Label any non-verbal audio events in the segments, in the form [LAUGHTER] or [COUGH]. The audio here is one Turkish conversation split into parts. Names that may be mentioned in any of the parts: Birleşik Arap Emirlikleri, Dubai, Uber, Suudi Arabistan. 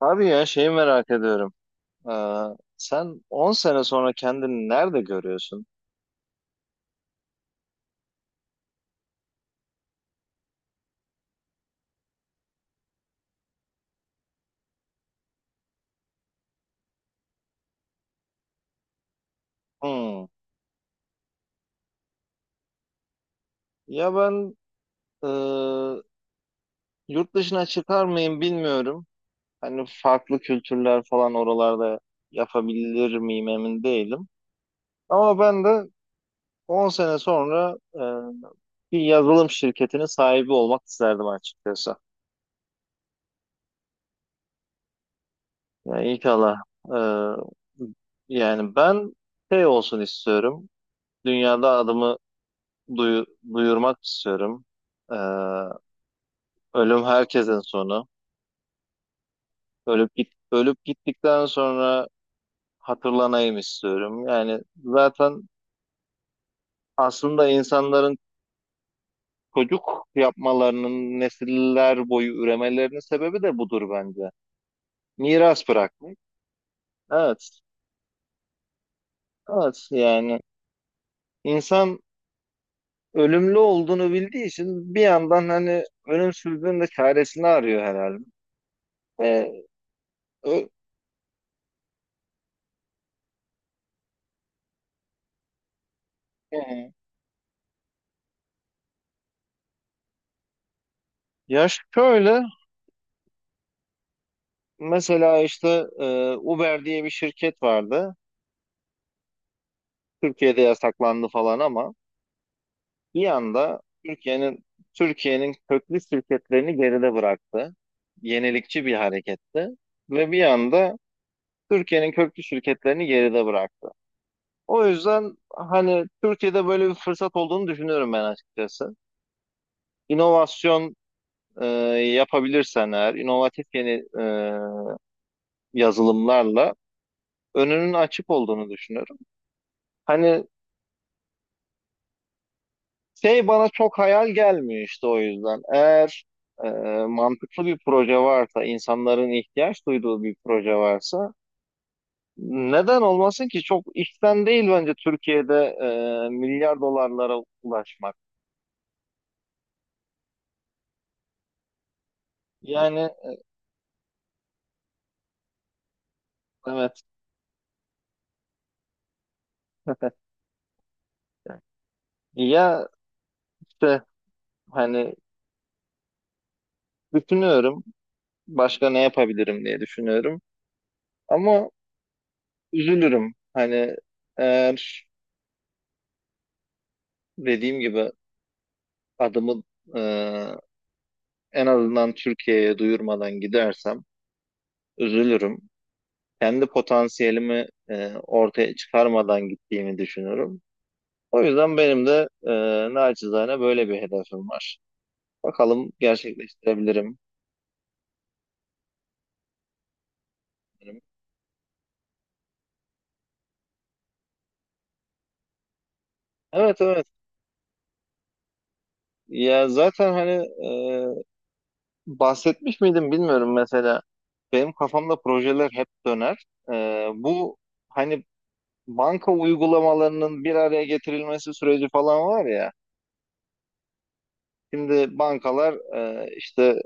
Abi ya şeyi merak ediyorum. Ee, Sen 10 sene sonra kendini nerede görüyorsun? Hmm. Ya ben, e, yurt dışına çıkar mıyım bilmiyorum. Hani farklı kültürler falan oralarda yapabilir miyim emin değilim. Ama ben de 10 sene sonra bir yazılım şirketinin sahibi olmak isterdim açıkçası. Yani inşallah. e, Yani ben şey olsun istiyorum. Dünyada adımı duyu- duyurmak istiyorum. Ee, Ölüm herkesin sonu. Ölüp gittikten sonra hatırlanayım istiyorum. Yani zaten aslında insanların çocuk yapmalarının nesiller boyu üremelerinin sebebi de budur bence. Miras bırakmak. Evet. Evet, yani insan ölümlü olduğunu bildiği için bir yandan hani ölümsüzlüğün de çaresini arıyor herhalde. Ve ö- yani, ya şöyle, mesela işte, Uber diye bir şirket vardı. Türkiye'de yasaklandı falan ama bir anda Türkiye'nin köklü şirketlerini geride bıraktı. Yenilikçi bir hareketti ve bir anda Türkiye'nin köklü şirketlerini geride bıraktı. O yüzden hani Türkiye'de böyle bir fırsat olduğunu düşünüyorum ben açıkçası. İnovasyon, e, yapabilirsen eğer, inovatif yeni, yazılımlarla önünün açık olduğunu düşünüyorum. Hani şey bana çok hayal gelmiyor işte o yüzden. Eğer e, mantıklı bir proje varsa, insanların ihtiyaç duyduğu bir proje varsa neden olmasın ki? Çok işten değil bence Türkiye'de milyar dolarlara ulaşmak. Yani evet. [LAUGHS] Ya işte hani düşünüyorum başka ne yapabilirim diye düşünüyorum ama üzülürüm hani eğer dediğim gibi adımı, e, en azından Türkiye'ye duyurmadan gidersem üzülürüm. Kendi potansiyelimi ortaya çıkarmadan gittiğimi düşünürüm. O yüzden benim de naçizane böyle bir hedefim var. Bakalım gerçekleştirebilirim. Evet, evet. Ya zaten hani, e, bahsetmiş miydim bilmiyorum mesela. Benim kafamda projeler hep döner. E, bu hani banka uygulamalarının bir araya getirilmesi süreci falan var ya. Şimdi bankalar işte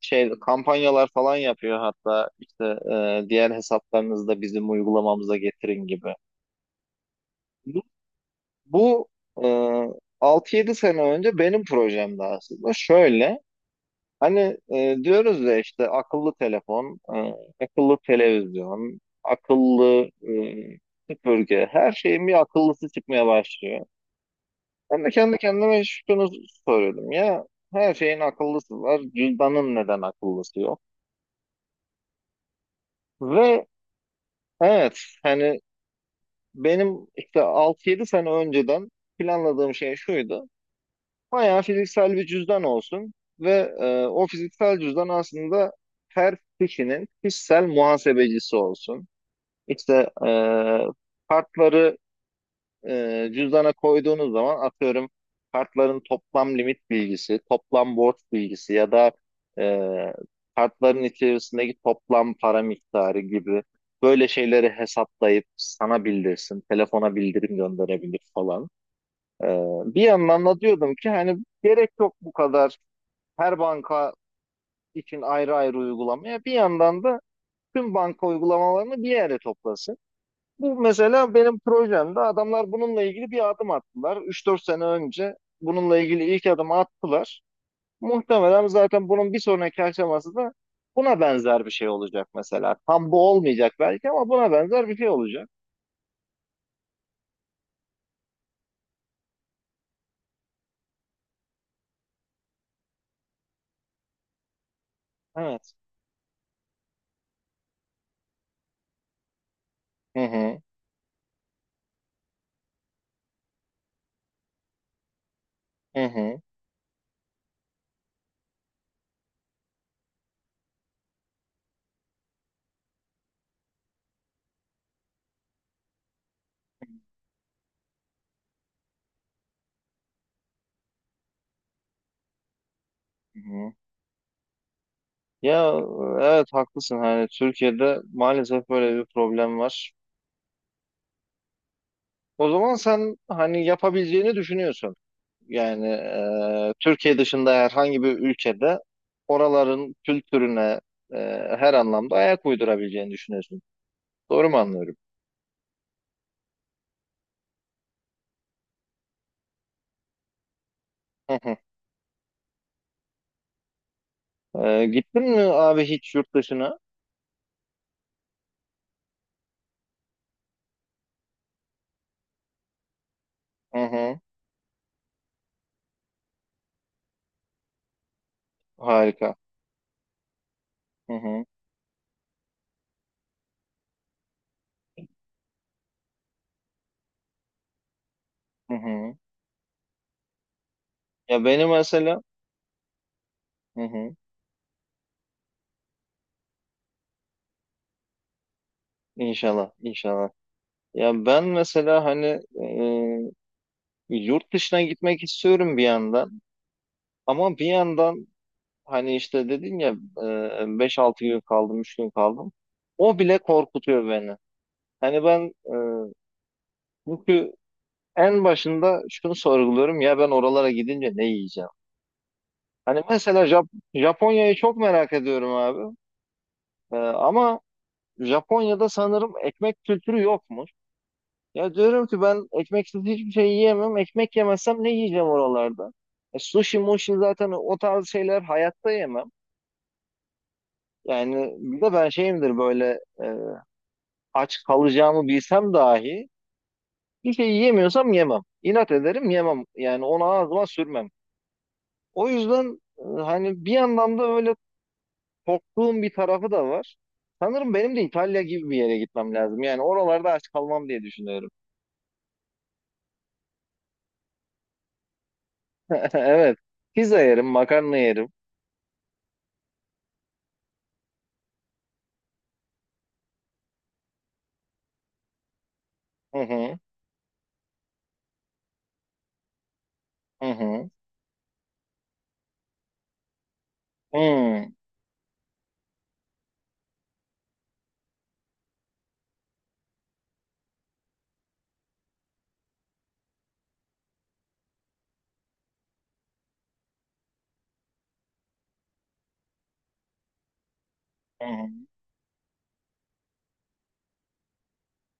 şey kampanyalar falan yapıyor, hatta işte diğer hesaplarınızda bizim uygulamamıza getirin gibi. Bu, bu e, 6-7 sene önce benim projemdi aslında. Şöyle hani, diyoruz ya işte akıllı telefon, akıllı televizyon, akıllı, süpürge, her şeyin bir akıllısı çıkmaya başlıyor. Ben de kendi kendime şunu soruyordum ya, her şeyin akıllısı var cüzdanın neden akıllısı yok? Ve evet, hani benim işte 6 yedi sene önceden planladığım şey şuydu. Bayağı fiziksel bir cüzdan olsun ve o fiziksel cüzdan aslında her kişinin kişisel muhasebecisi olsun. İşte e, kartları, cüzdana koyduğunuz zaman, atıyorum, kartların toplam limit bilgisi, toplam borç bilgisi ya da e, kartların içerisindeki toplam para miktarı gibi böyle şeyleri hesaplayıp sana bildirsin, telefona bildirim gönderebilir falan. E, Bir yandan da diyordum ki hani, gerek yok bu kadar her banka için ayrı ayrı uygulamaya. Bir yandan da tüm banka uygulamalarını bir yere toplasın. Bu mesela benim projemde adamlar bununla ilgili bir adım attılar. 3-4 sene önce bununla ilgili ilk adımı attılar. Muhtemelen zaten bunun bir sonraki aşaması da buna benzer bir şey olacak mesela. Tam bu olmayacak belki ama buna benzer bir şey olacak. Evet. Hı hı. Hı hı. Hı hı. Ya evet haklısın, hani Türkiye'de maalesef böyle bir problem var. O zaman sen hani yapabileceğini düşünüyorsun. Yani Türkiye dışında herhangi bir ülkede oraların kültürüne e, her anlamda ayak uydurabileceğini düşünüyorsun. Doğru mu anlıyorum? Hı hı. Gittin mi abi hiç yurt dışına? Hı hı. Harika. Hı hı. Hı hı. Ya benim mesela, hı hı. İnşallah, inşallah. Ya ben mesela hani e, yurt dışına gitmek istiyorum bir yandan, ama bir yandan hani işte dedin ya, 5-6 gün kaldım, 3 gün kaldım. O bile korkutuyor beni. Hani ben, çünkü en başında şunu sorguluyorum ya, ben oralara gidince ne yiyeceğim? Hani mesela Japonya'yı çok merak ediyorum abi. E, ama Japonya'da sanırım ekmek kültürü yokmuş. Ya diyorum ki ben ekmeksiz hiçbir şey yiyemem. Ekmek yemezsem ne yiyeceğim oralarda? E, sushi, mushi, zaten o tarz şeyler hayatta yemem. Yani bir de ben şeyimdir böyle, aç kalacağımı bilsem dahi bir şey yiyemiyorsam yemem. İnat ederim, yemem. Yani onu ağzıma sürmem. O yüzden, hani bir yandan da öyle korktuğum bir tarafı da var. Sanırım benim de İtalya gibi bir yere gitmem lazım. Yani oralarda aç kalmam diye düşünüyorum. [LAUGHS] Evet. Pizza yerim, makarna yerim. Hı hı, hı hı, hı hı,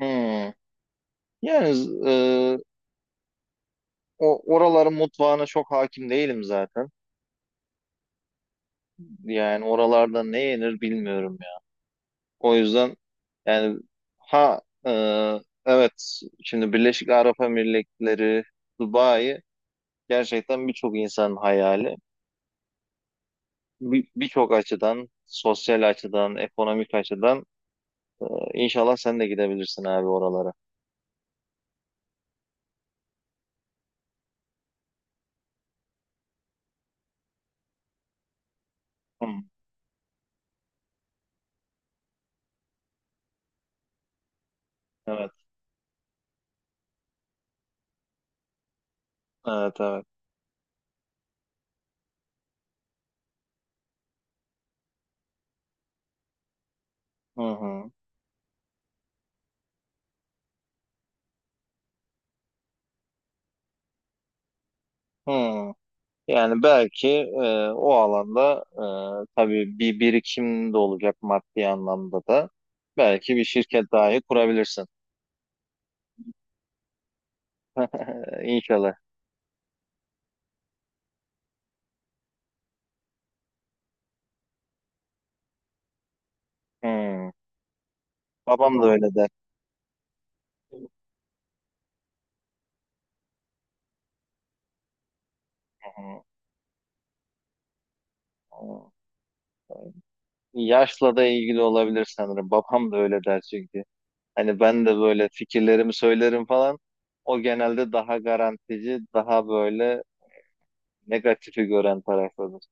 hı. Yani e, o oraların mutfağına çok hakim değilim zaten. Yani oralarda ne yenir bilmiyorum ya. O yüzden yani, ha, evet, şimdi Birleşik Arap Emirlikleri, Dubai gerçekten birçok insanın hayali. Birçok açıdan, sosyal açıdan, ekonomik açıdan. İnşallah sen de gidebilirsin abi oralara. Hı, evet, evet, evet. Hı hı. Hı. Yani belki o alanda tabii bir birikim de olacak, maddi anlamda da. Belki bir şirket dahi kurabilirsin. [LAUGHS] İnşallah. Hı. Babam da öyle der. Hı hı. Yaşla da ilgili olabilir sanırım. Babam da öyle der çünkü. Hani ben de böyle fikirlerimi söylerim falan. O genelde daha garantici, daha böyle negatifi gören taraftadır.